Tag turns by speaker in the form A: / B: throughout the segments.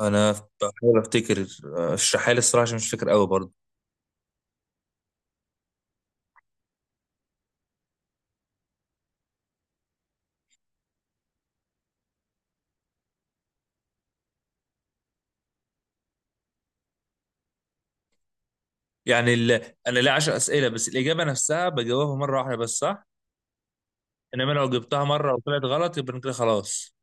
A: انا بحاول افتكر، اشرحها لي الصراحه عشان مش فاكر قوي برضه. يعني انا ليا 10 اسئله بس، الاجابه نفسها بجاوبها مره واحده بس صح. انما لو جبتها مره وطلعت غلط يبقى أنا كده خلاص.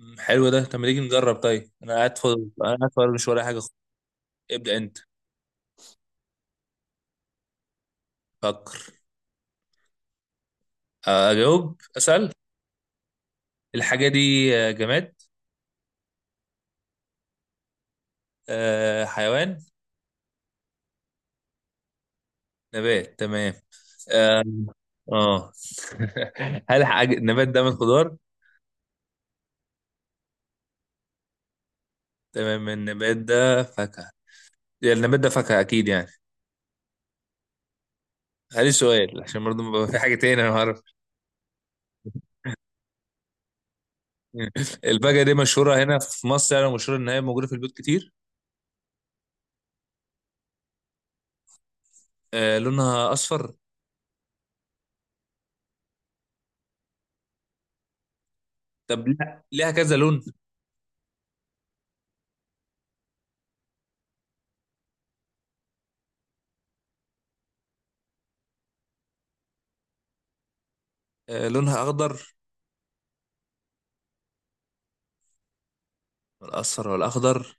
A: حلو ده. طب ما تيجي نجرب طيب، انا قاعد فاضي مش ورايا حاجه خالص. ابدا انت. فكر. اجاوب اسال. الحاجه دي جماد؟ حيوان؟ نبات. تمام. اه. آه. هل حاجه النبات ده من خضار؟ تمام، النبات ده فاكهه. يعني النبات ده فاكهه اكيد يعني. عليه سؤال عشان برضه ما بقى في حاجة تاني أنا عارف. الباجة دي مشهورة هنا في مصر، يعني مشهورة إن هي موجودة في البيوت كتير. آه لونها أصفر؟ طب لا، ليها كذا لون؟ آه لونها أخضر؟ الأصفر والأخضر.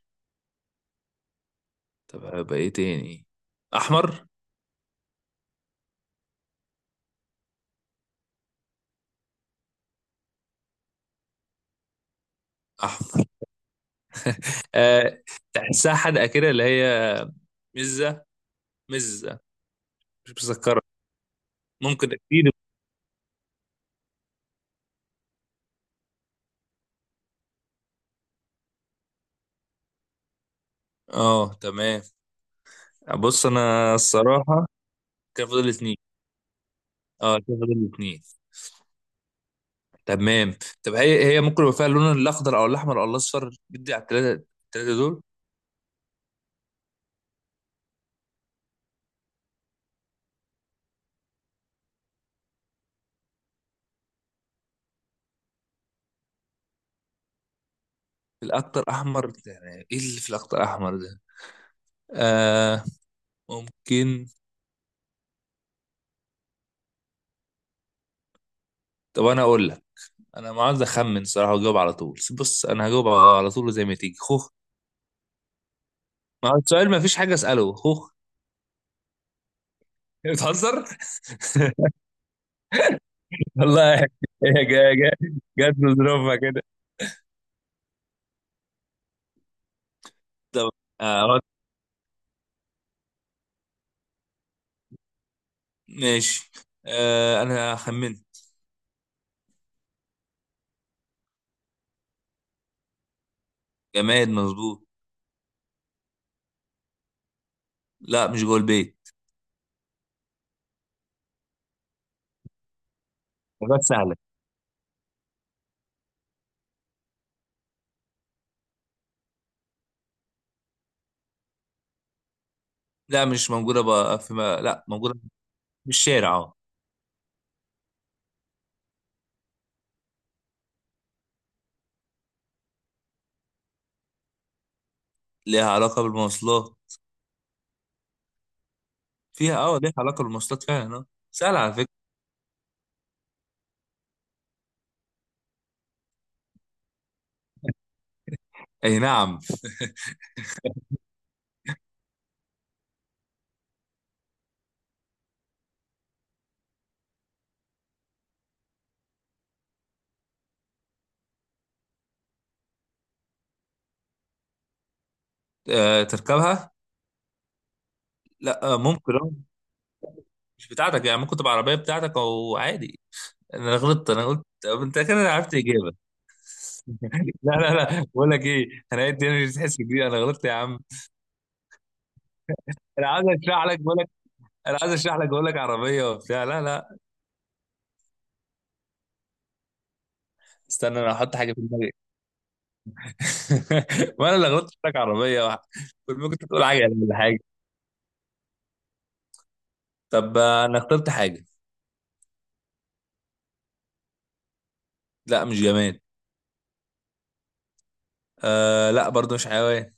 A: طب هيبقى إيه تاني؟ أحمر؟ أحمر. آه. تحسها حدقة كده اللي هي مزة. مزة. مش مسكرة؟ ممكن أكيد. أه تمام. بص أنا الصراحة، كان فاضل اتنين. أه كان فاضل اتنين. تمام. طب هي ممكن يبقى فيها اللون الاخضر او الاحمر او الاصفر؟ بدي على الثلاثه الثلاثه دول. الاكتر احمر؟ يعني ايه اللي في الاكتر احمر ده؟ آه ممكن. طب انا اقول لك، انا ما عاوز اخمن صراحه واجاوب على طول. بص انا هجاوب على طول زي ما تيجي، خوخ. ما هو السؤال ما فيش حاجه اساله، خوخ. بتهزر والله. هي جا جا جت بظروفها كده. طب. آه ماشي. انا خمنت. جماد مظبوط. لا مش جوه البيت. حاجات سهله. لا مش موجودة بقى في ما... لا موجودة في الشارع اه. ليها علاقة بالمواصلات؟ فيها اه، ليها علاقة بالمواصلات فعلا، اه سهلة على فكرة. اي نعم. آه تركبها؟ لا، آه ممكن اه. مش بتاعتك، يعني ممكن تبقى عربية بتاعتك او عادي. انا غلطت، انا قلت طب انت كده عرفت اجابة. لا لا لا، بقول لك ايه. انا قلت انا مش تحس كبير، انا غلطت يا عم. انا عايز اشرح لك بقول لك، عربية وبتاع لا لا. استنى انا هحط حاجة في دماغي. وانا اللي غلطت قلت لك عربية. كنت ممكن تقول حاجة يعني، ولا حاجة. طب انا اخترت حاجه. لا مش جماد. آه لا برضو مش حيوان.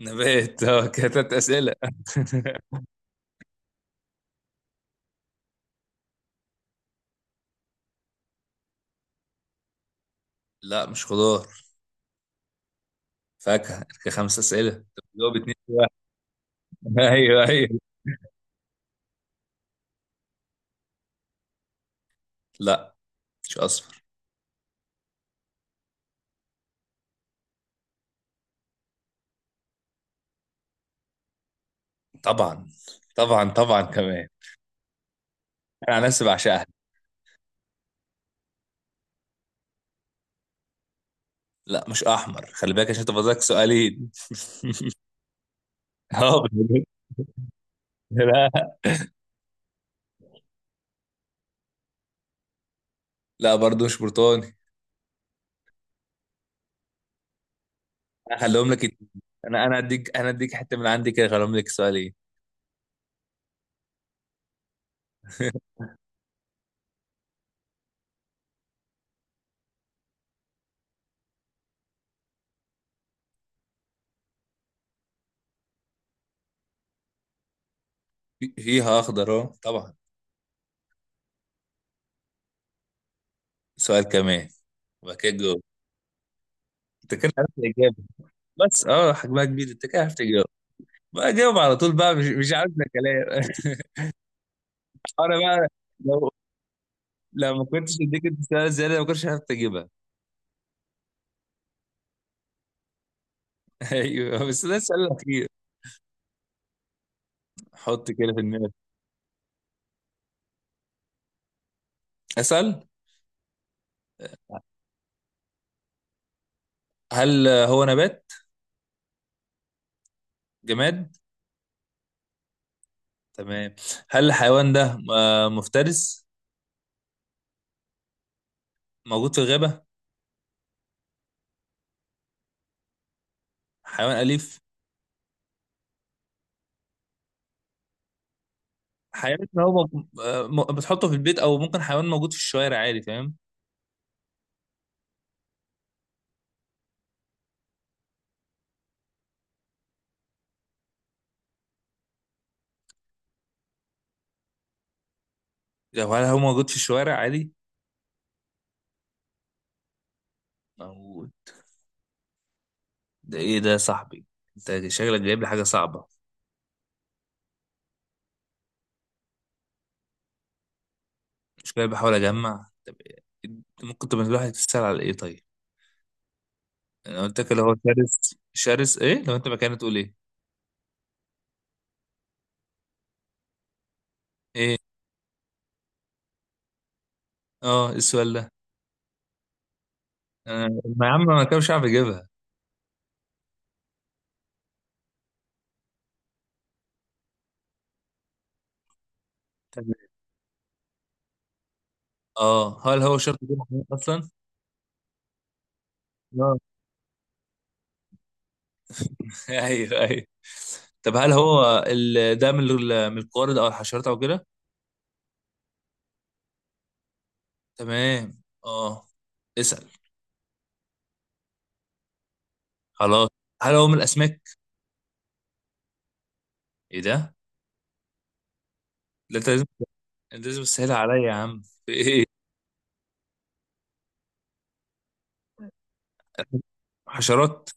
A: نبات اه. كده تلات اسئله. لا مش خضار. فاكهه كده خمس اسئله. جاوب اتنين في واحد. ايوه ايوه. لا مش اصفر. طبعا طبعا طبعا كمان. انا عن نفسي بعشقها. لا مش احمر، خلي بالك عشان تفضلك سؤالين. اه بجد. لا. لا برضو مش برتقاني. هخليهم لك اتنين. انا اديك حته من عندي كده، هخليهم لك سؤالين. فيها اخضر اه طبعا. سؤال كمان وبعد كده تجاوب. انت كده عرفت الاجابه بس اه حجمها كبير، انت كده عرفت تجاوب. بقى جاوب على طول بقى، مش عارف ده كلام. انا بقى، لو لو ما كنتش اديك انت سؤال زياده ما كنتش عارف تجيبها. ايوه بس ده السؤال الاخير. حط كده في دماغك. اسال. هل هو نبات؟ جماد؟ تمام. هل الحيوان ده مفترس؟ موجود في الغابه؟ حيوان اليف؟ حيوان هو بتحطه في البيت او ممكن حيوان موجود في الشوارع عادي، فاهم؟ هل هو موجود في الشوارع عادي؟ موجود. ده ايه ده يا صاحبي؟ انت شكلك جايب لي حاجه صعبه. مش كده، بحاول اجمع. طب إيه؟ ممكن تبقى الواحد تسال على ايه طيب؟ انا قلت لك اللي هو شرس شرس، ايه لو انت مكاني تقول ايه؟ ايه اه إيه السؤال ده؟ أنا- ما يا عم ما كانش مش عارف اجيبها. طب اه هل هو شرط يكون محمود اصلا؟ اه ايوه ايوه. طب هل هو ده من من القوارض او الحشرات او كده؟ تمام اه. اسال. خلاص هل هو من الاسماك؟ ايه ده؟ لا انت لازم تسهل عليا يا عم، في ايه؟ حشرات؟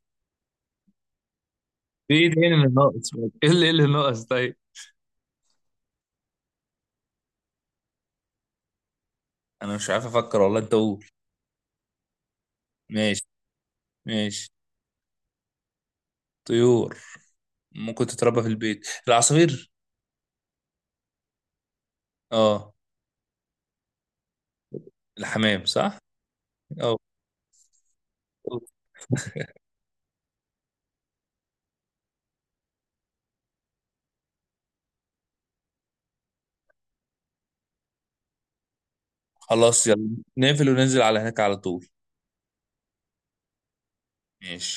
A: في ايه تاني اللي ناقص؟ ايه اللي إيه اللي ناقص طيب؟ انا مش عارف افكر والله، انت قول. ماشي ماشي. طيور. ممكن تتربى في البيت العصافير؟ اه الحمام صح؟ اه. خلاص يلا، نقفل وننزل على هناك على طول. ماشي.